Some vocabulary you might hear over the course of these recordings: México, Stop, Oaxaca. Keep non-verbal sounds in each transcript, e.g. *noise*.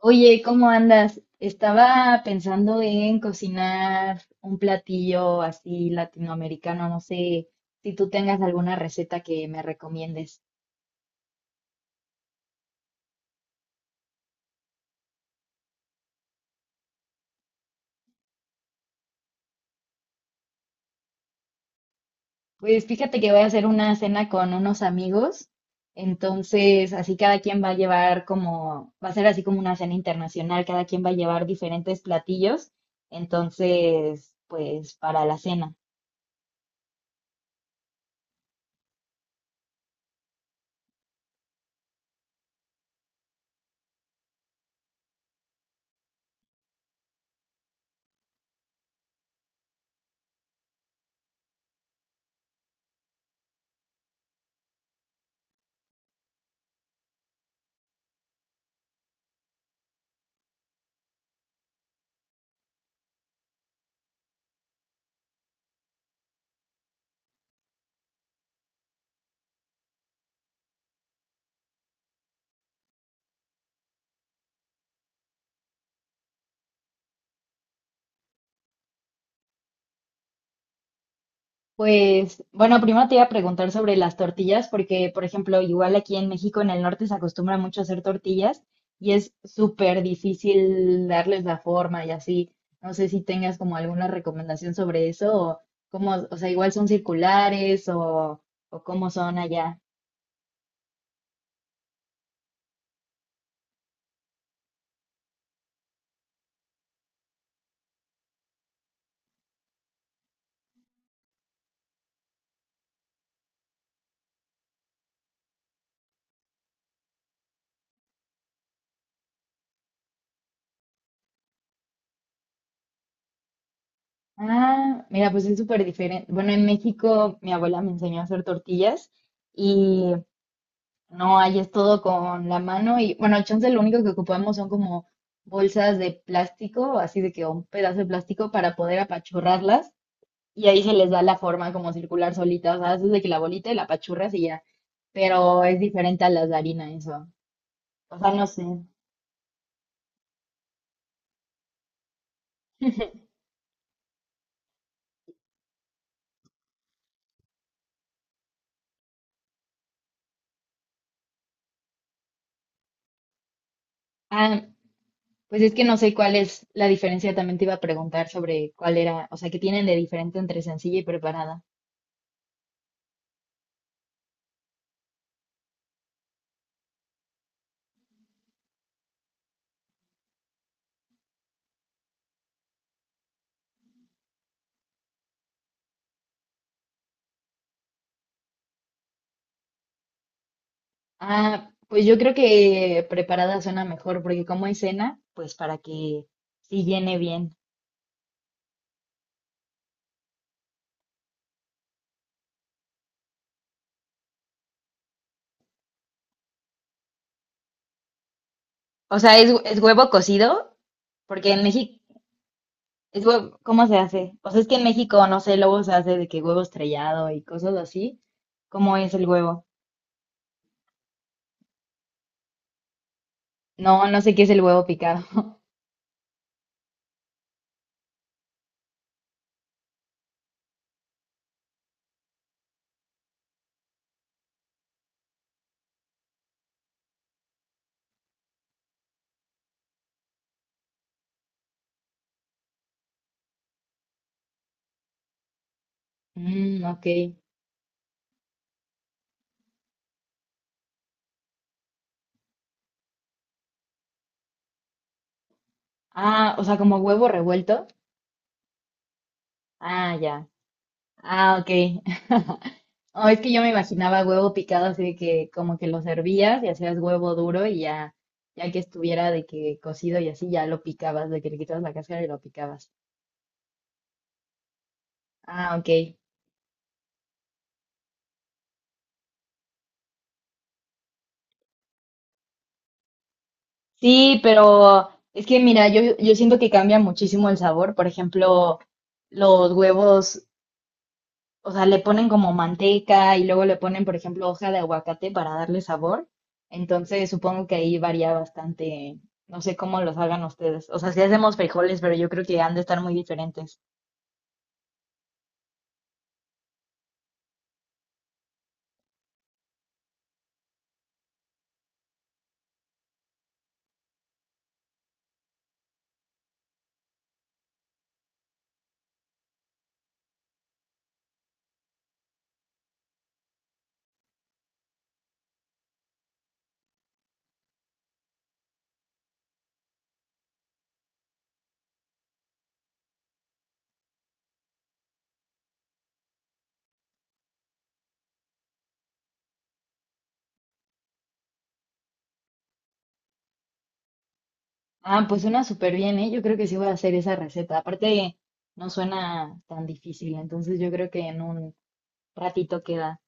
Oye, ¿cómo andas? Estaba pensando en cocinar un platillo así latinoamericano. No sé si tú tengas alguna receta que me recomiendes. Pues fíjate que voy a hacer una cena con unos amigos. Entonces, así cada quien va a llevar como, va a ser así como una cena internacional. Cada quien va a llevar diferentes platillos. Entonces, pues para la cena. Pues bueno, primero te iba a preguntar sobre las tortillas, porque por ejemplo, igual aquí en México, en el norte, se acostumbra mucho a hacer tortillas y es súper difícil darles la forma y así. No sé si tengas como alguna recomendación sobre eso o cómo, o sea, igual son circulares o cómo son allá. Ah, mira, pues es súper diferente. Bueno, en México mi abuela me enseñó a hacer tortillas. No, ahí es todo con la mano y bueno, chance lo único que ocupamos son como bolsas de plástico, así de que un pedazo de plástico para poder apachurrarlas y ahí se les da la forma como circular solita, o sea, haces de que la bolita y la apachurras y ya, pero es diferente a las de harina eso, o sea, no sé. Ah, pues es que no sé cuál es la diferencia, también te iba a preguntar sobre cuál era, o sea, qué tienen de diferente entre sencilla y preparada. Ah, pues yo creo que preparada suena mejor, porque como es cena, pues para que sí llene bien. O sea, ¿es huevo cocido? Porque en México, es huevo, ¿cómo se hace? O sea, es que en México, no sé, luego se hace de que huevo estrellado y cosas así. ¿Cómo es el huevo? No, no sé qué es el huevo picado. *laughs* Mm, ok. Ah, o sea, como huevo revuelto. Ah, ya. Ah, ok. *laughs* Oh, es que yo me imaginaba huevo picado así de que como que lo servías y hacías huevo duro y ya, ya que estuviera de que cocido y así ya lo picabas, de que le quitabas la cáscara y lo picabas. Ah, ok. Sí, pero es que mira, yo siento que cambia muchísimo el sabor. Por ejemplo, los huevos, o sea, le ponen como manteca y luego le ponen, por ejemplo, hoja de aguacate para darle sabor. Entonces supongo que ahí varía bastante. No sé cómo los hagan ustedes. O sea, si hacemos frijoles, pero yo creo que han de estar muy diferentes. Ah, pues suena súper bien, ¿eh? Yo creo que sí voy a hacer esa receta. Aparte, no suena tan difícil, entonces yo creo que en un ratito queda.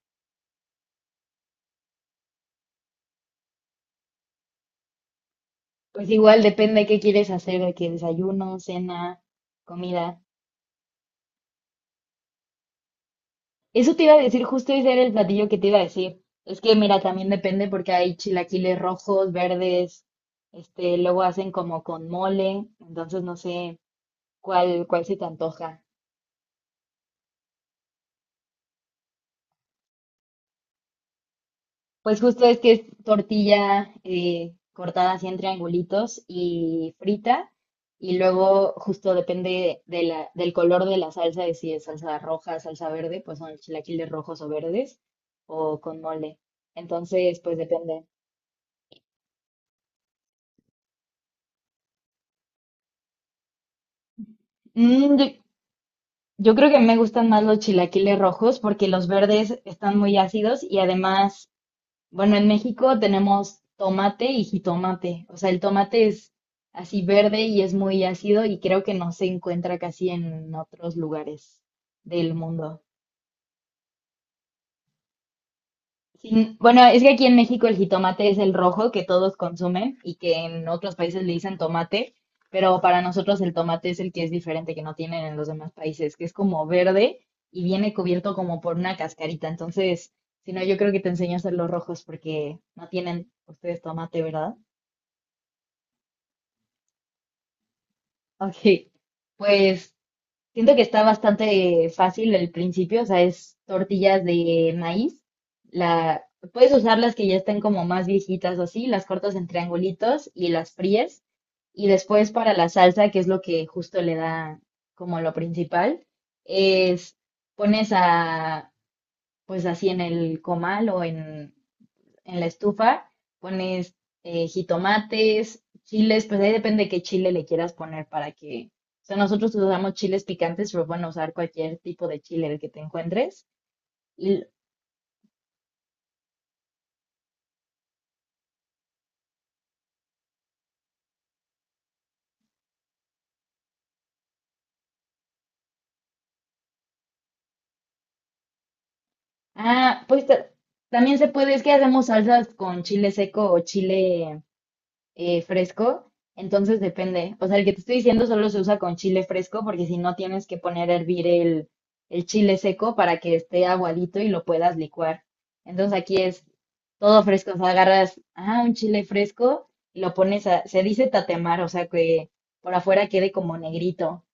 Pues igual depende qué quieres hacer, de qué desayuno, cena, comida. Eso te iba a decir, justo ese era el platillo que te iba a decir. Es que mira, también depende porque hay chilaquiles rojos, verdes, este, luego hacen como con mole, entonces no sé cuál se te antoja. Pues justo es que es tortilla cortada así en triangulitos y frita. Y luego justo depende de la, del color de la salsa, de si es salsa roja, salsa verde, pues son chilaquiles rojos o verdes o con mole. Entonces, pues depende. Mm, yo creo que me gustan más los chilaquiles rojos porque los verdes están muy ácidos y además bueno, en México tenemos tomate y jitomate. O sea, el tomate es así verde y es muy ácido y creo que no se encuentra casi en otros lugares del mundo. Bueno, es que aquí en México el jitomate es el rojo que todos consumen y que en otros países le dicen tomate, pero para nosotros el tomate es el que es diferente, que no tienen en los demás países, que es como verde y viene cubierto como por una cascarita. Entonces, si no, yo creo que te enseño a hacer los rojos porque no tienen ustedes tomate, ¿verdad? Ok, pues siento que está bastante fácil el principio, o sea, es tortillas de maíz. La, puedes usar las que ya estén como más viejitas o así, las cortas en triangulitos y las fríes. Y después para la salsa, que es lo que justo le da como lo principal, es pones a, pues así en el comal o en la estufa, pones jitomates, chiles, pues ahí depende qué chile le quieras poner para que, o sea, nosotros usamos chiles picantes, pero bueno, usar cualquier tipo de chile el que te encuentres. Y, ah, pues también se puede, es que hacemos salsas con chile seco o chile fresco, entonces depende. O sea, el que te estoy diciendo solo se usa con chile fresco porque si no tienes que poner a hervir el chile seco para que esté aguadito y lo puedas licuar. Entonces aquí es todo fresco, o sea, agarras, ah, un chile fresco y lo pones a, se dice tatemar, o sea, que por afuera quede como negrito,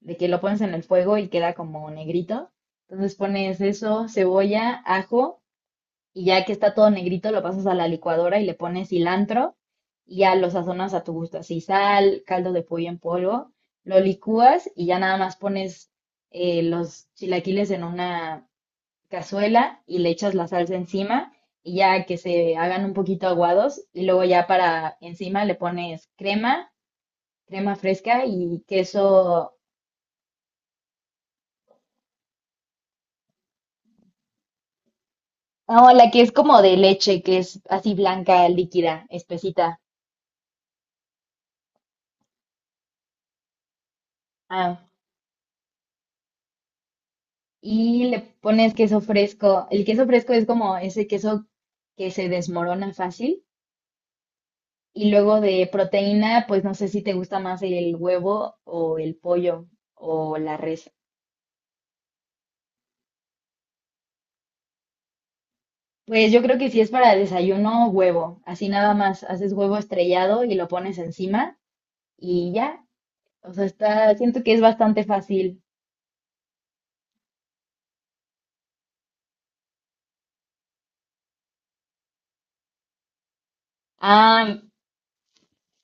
de que lo pones en el fuego y queda como negrito. Entonces pones eso, cebolla, ajo y ya que está todo negrito lo pasas a la licuadora y le pones cilantro y ya lo sazonas a tu gusto, así sal, caldo de pollo en polvo, lo licúas y ya nada más pones los chilaquiles en una cazuela y le echas la salsa encima y ya que se hagan un poquito aguados y luego ya para encima le pones crema, crema fresca y queso, no, la que es como de leche, que es así blanca, líquida, espesita. Ah, y le pones queso fresco. El queso fresco es como ese queso que se desmorona fácil. Y luego de proteína, pues no sé si te gusta más el huevo o el pollo o la res. Pues yo creo que si es para desayuno, huevo. Así nada más, haces huevo estrellado y lo pones encima y ya. O sea, está, siento que es bastante fácil. Ah,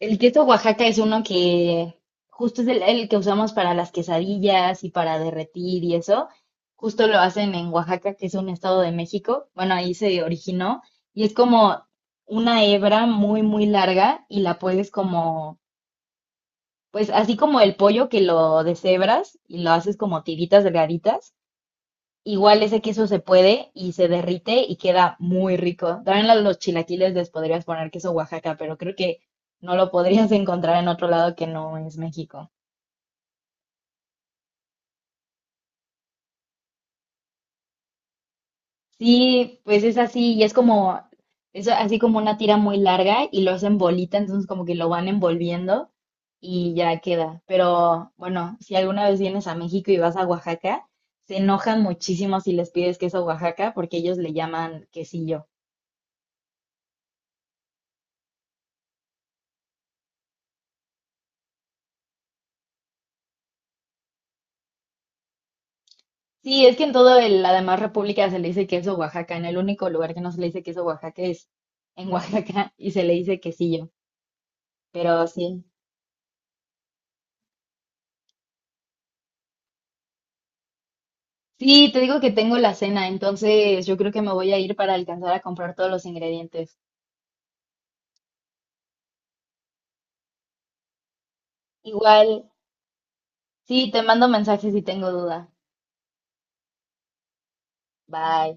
el queso Oaxaca es uno que justo es el que usamos para las quesadillas y para derretir y eso. Justo lo hacen en Oaxaca, que es un estado de México. Bueno, ahí se originó y es como una hebra muy, muy larga y la puedes como, pues así como el pollo que lo deshebras y lo haces como tiritas delgaditas. Igual ese queso se puede y se derrite y queda muy rico. También a los chilaquiles les podrías poner queso Oaxaca, pero creo que no lo podrías *laughs* encontrar en otro lado que no es México. Sí, pues es así y es como, es así como una tira muy larga y lo hacen bolita, entonces como que lo van envolviendo y ya queda. Pero bueno, si alguna vez vienes a México y vas a Oaxaca, se enojan muchísimo si les pides queso Oaxaca porque ellos le llaman quesillo. Sí, es que en toda la demás república se le dice queso Oaxaca. En el único lugar que no se le dice queso Oaxaca es en Oaxaca *laughs* y se le dice quesillo. Pero sí. Sí, te digo que tengo la cena, entonces yo creo que me voy a ir para alcanzar a comprar todos los ingredientes. Igual, sí, te mando mensajes si tengo duda. Bye.